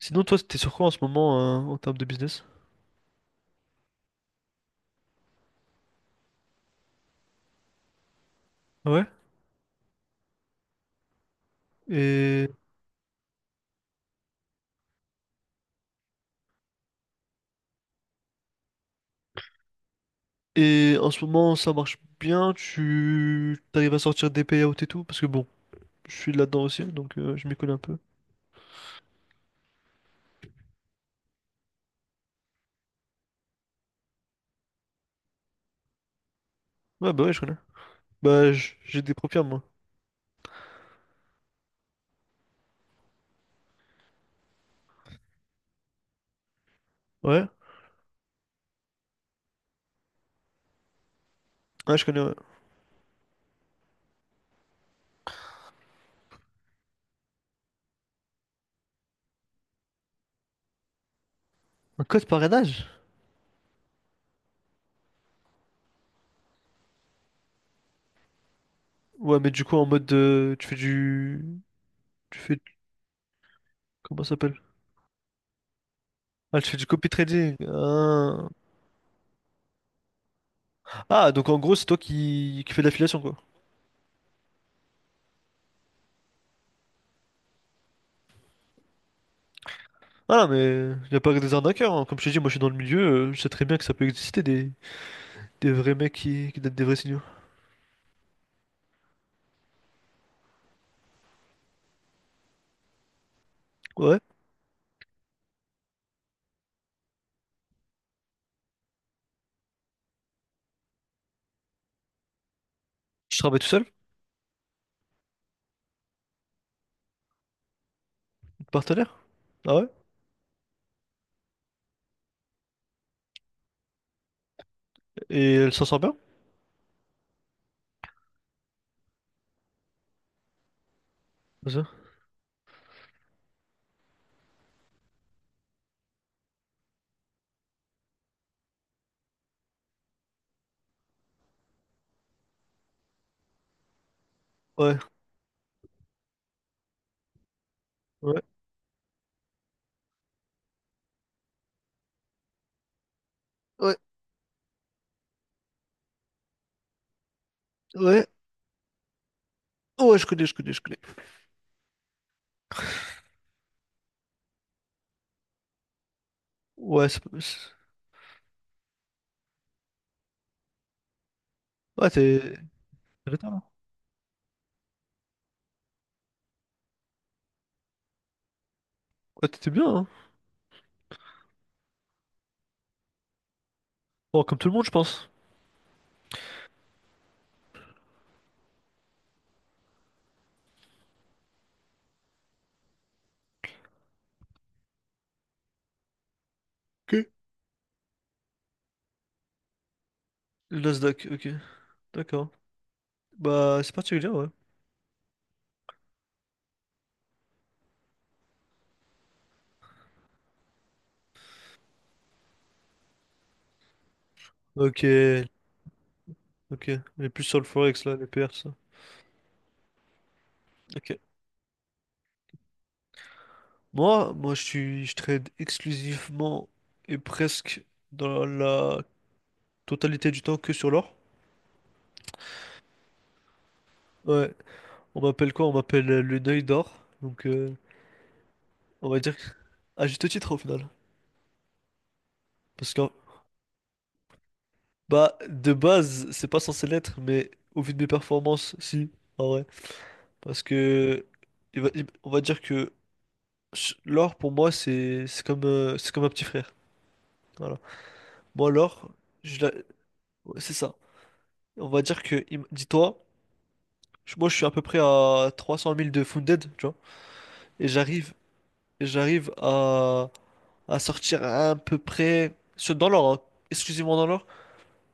Sinon, toi, t'es sur quoi en ce moment hein, en termes de business? Ah ouais. Et... et en ce moment, ça marche bien? Tu t'arrives à sortir des payouts et tout? Parce que bon, je suis là-dedans aussi, donc je m'y connais un peu. Ouais, bah ouais, je connais. Bah, j'ai des profils, moi. Ouais? Ouais, je connais, ouais. Un code parrainage? Ouais, mais du coup, Tu fais... comment ça s'appelle? Ah, tu fais du copy trading. Ah, ah, donc en gros, c'est toi qui fais de l'affiliation, quoi. Ah, non, mais il n'y a pas que des arnaqueurs, hein. Comme je t'ai dit, moi, je suis dans le milieu. Je sais très bien que ça peut exister des... Des vrais mecs qui donnent des vrais signaux. Ouais. Je travaille tout seul, une partenaire. Ah ouais. Et elle s'en sort bien. Comme ça. Ouais. Ouais. Ouais. Ouais. Ouais, je connais, je connais, je connais. Ouais. Ouais, t'es retard, là. Ouais, t'étais bien, hein. Bon, comme tout le monde, je pense. Ok. Le Nasdaq, ok. D'accord. Bah, c'est particulier, ouais. Ok. Ok. On est plus sur le Forex, là, les PR, ça. Ok. Moi, je trade exclusivement et presque dans la totalité du temps que sur l'or. Ouais. On m'appelle quoi? On m'appelle le Neuil d'or. Donc, on va dire que- à juste titre au final. Parce que, bah, de base, c'est pas censé l'être, mais au vu de mes performances, si, en vrai. Parce que, on va dire que l'or pour moi, c'est comme un petit frère. Voilà. Moi, l'or, je la- ouais, c'est ça. On va dire que, dis-toi, moi, je suis à peu près à 300 000 de Funded, tu vois. Et j'arrive à, sortir à peu près, dans l'or, hein, exclusivement dans l'or,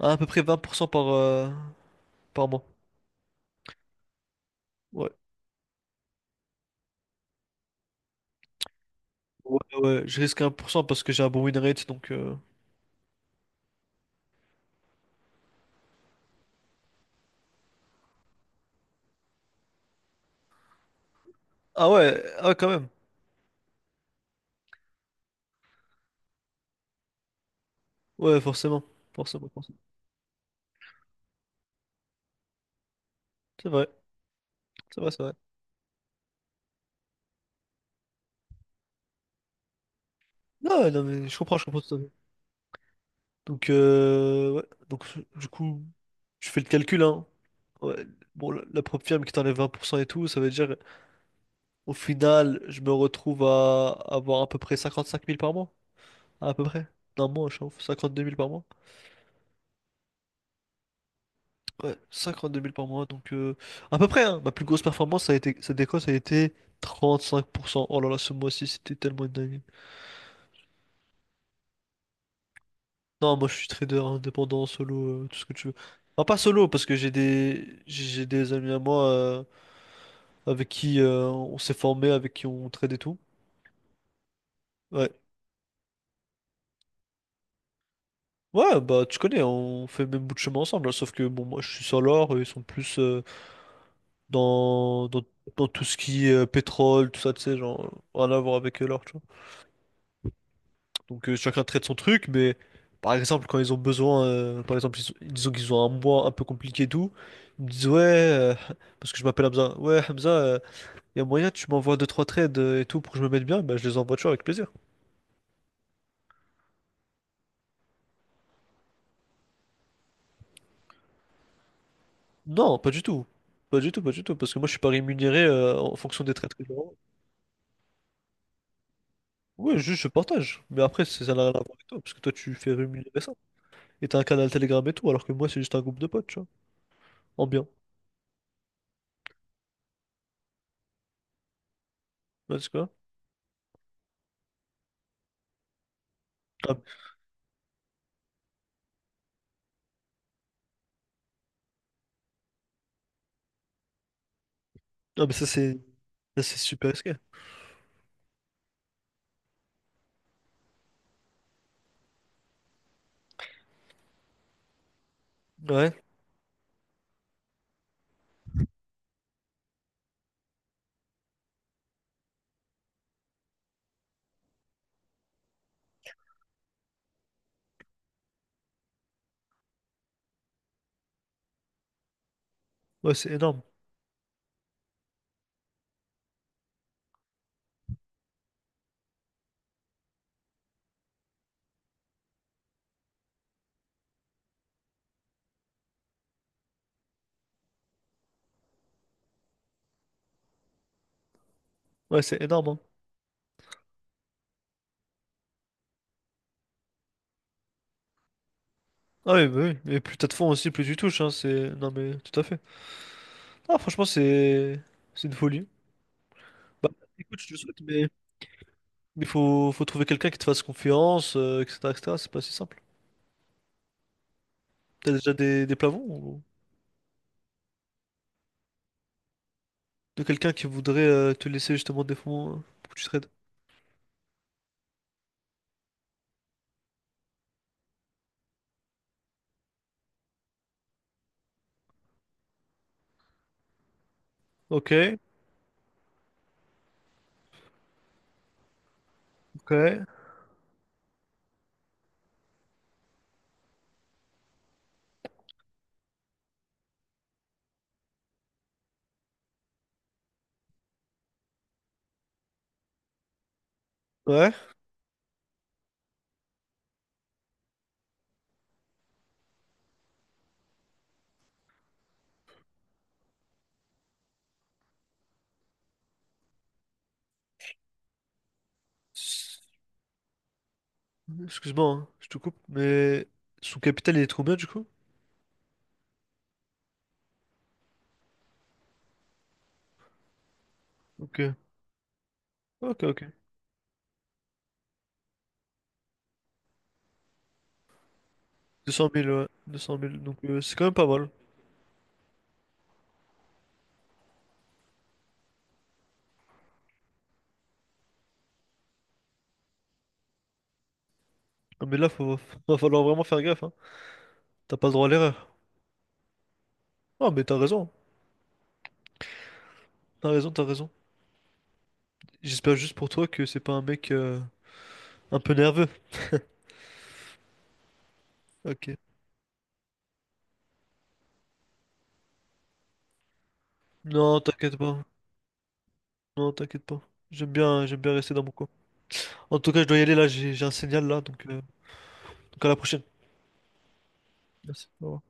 à peu près 20% par mois. Ouais. Ouais, ouais, je risque 1% parce que j'ai un bon win rate, donc... Ah ouais, ah ouais, quand même. Ouais, forcément. Forcément, forcément. C'est vrai, c'est vrai, c'est vrai. Non, ouais, non, mais je comprends tout à fait. Donc, ouais. Donc, du coup, je fais le calcul, hein. Ouais. Bon, la prop firme qui t'enlève 20% et tout, ça veut dire, au final, je me retrouve à avoir à peu près 55 000 par mois. À peu près. D'un mois, je chauffe. 52 000 par mois. Ouais, 52 000 par mois. Donc, à peu près, hein. Ma plus grosse performance, ça a été, cette déco, ça a été 35%. Oh là là, ce mois-ci, c'était tellement une dinguerie. Non, moi, je suis trader indépendant, solo, tout ce que tu veux. Enfin, pas solo, parce que j'ai des amis à moi avec qui on s'est formé, avec qui on trade et tout. Ouais. Ouais, bah, tu connais, on fait le même bout de chemin ensemble, hein. Sauf que, bon, moi, je suis sur l'or, eux, ils sont plus. Dans, dans, dans tout ce qui est pétrole, tout ça, tu sais, genre, rien à voir avec l'or, tu vois. Donc chacun traite son truc, mais par exemple, quand ils ont besoin, par exemple, disons qu'ils ont un mois un peu compliqué et tout, ils me disent, ouais, parce que je m'appelle Hamza, ouais, Hamza, il y a moyen, tu m'envoies deux, trois trades et tout pour que je me mette bien, bah, je les envoie, tu vois, avec plaisir. Non, pas du tout. Pas du tout, pas du tout, parce que moi je suis pas rémunéré en fonction des trades que je leur envoie. Ouais, juste je partage. Mais après, ça n'a rien à voir avec toi, parce que toi tu fais rémunérer ça. Et t'as un canal Telegram et tout, alors que moi, c'est juste un groupe de potes, tu vois. En bien. Ouais, c'est quoi? Ah, non, mais ça, c'est super risqué. Ouais, ouais, c'est énorme. Ouais, c'est énorme, hein. Ah oui, bah oui. Et plus t'as de fonds aussi, plus tu touches. Hein. Non, mais tout à fait. Ah, franchement, c'est une folie. Bah, écoute, je te le souhaite, mais il faut trouver quelqu'un qui te fasse confiance, etc., etc. C'est pas si simple. T'as déjà des plafonds ou de quelqu'un qui voudrait te laisser justement des fonds pour que tu trades? Ok, ok. Ouais. Excuse-moi, hein, je te coupe, mais son capital il est de combien du coup? Ok, ok, ok. 200 000, ouais. 200 000, donc c'est quand même pas mal. Ah, mais là, va falloir vraiment faire gaffe, hein. T'as pas le droit à l'erreur. Ah, mais t'as raison, t'as raison, t'as raison. J'espère juste pour toi que c'est pas un mec un peu nerveux. Ok. Non, t'inquiète pas. Non, t'inquiète pas. J'aime bien rester dans mon coin. En tout cas, je dois y aller là, j'ai un signal là, donc à la prochaine. Merci. Au revoir.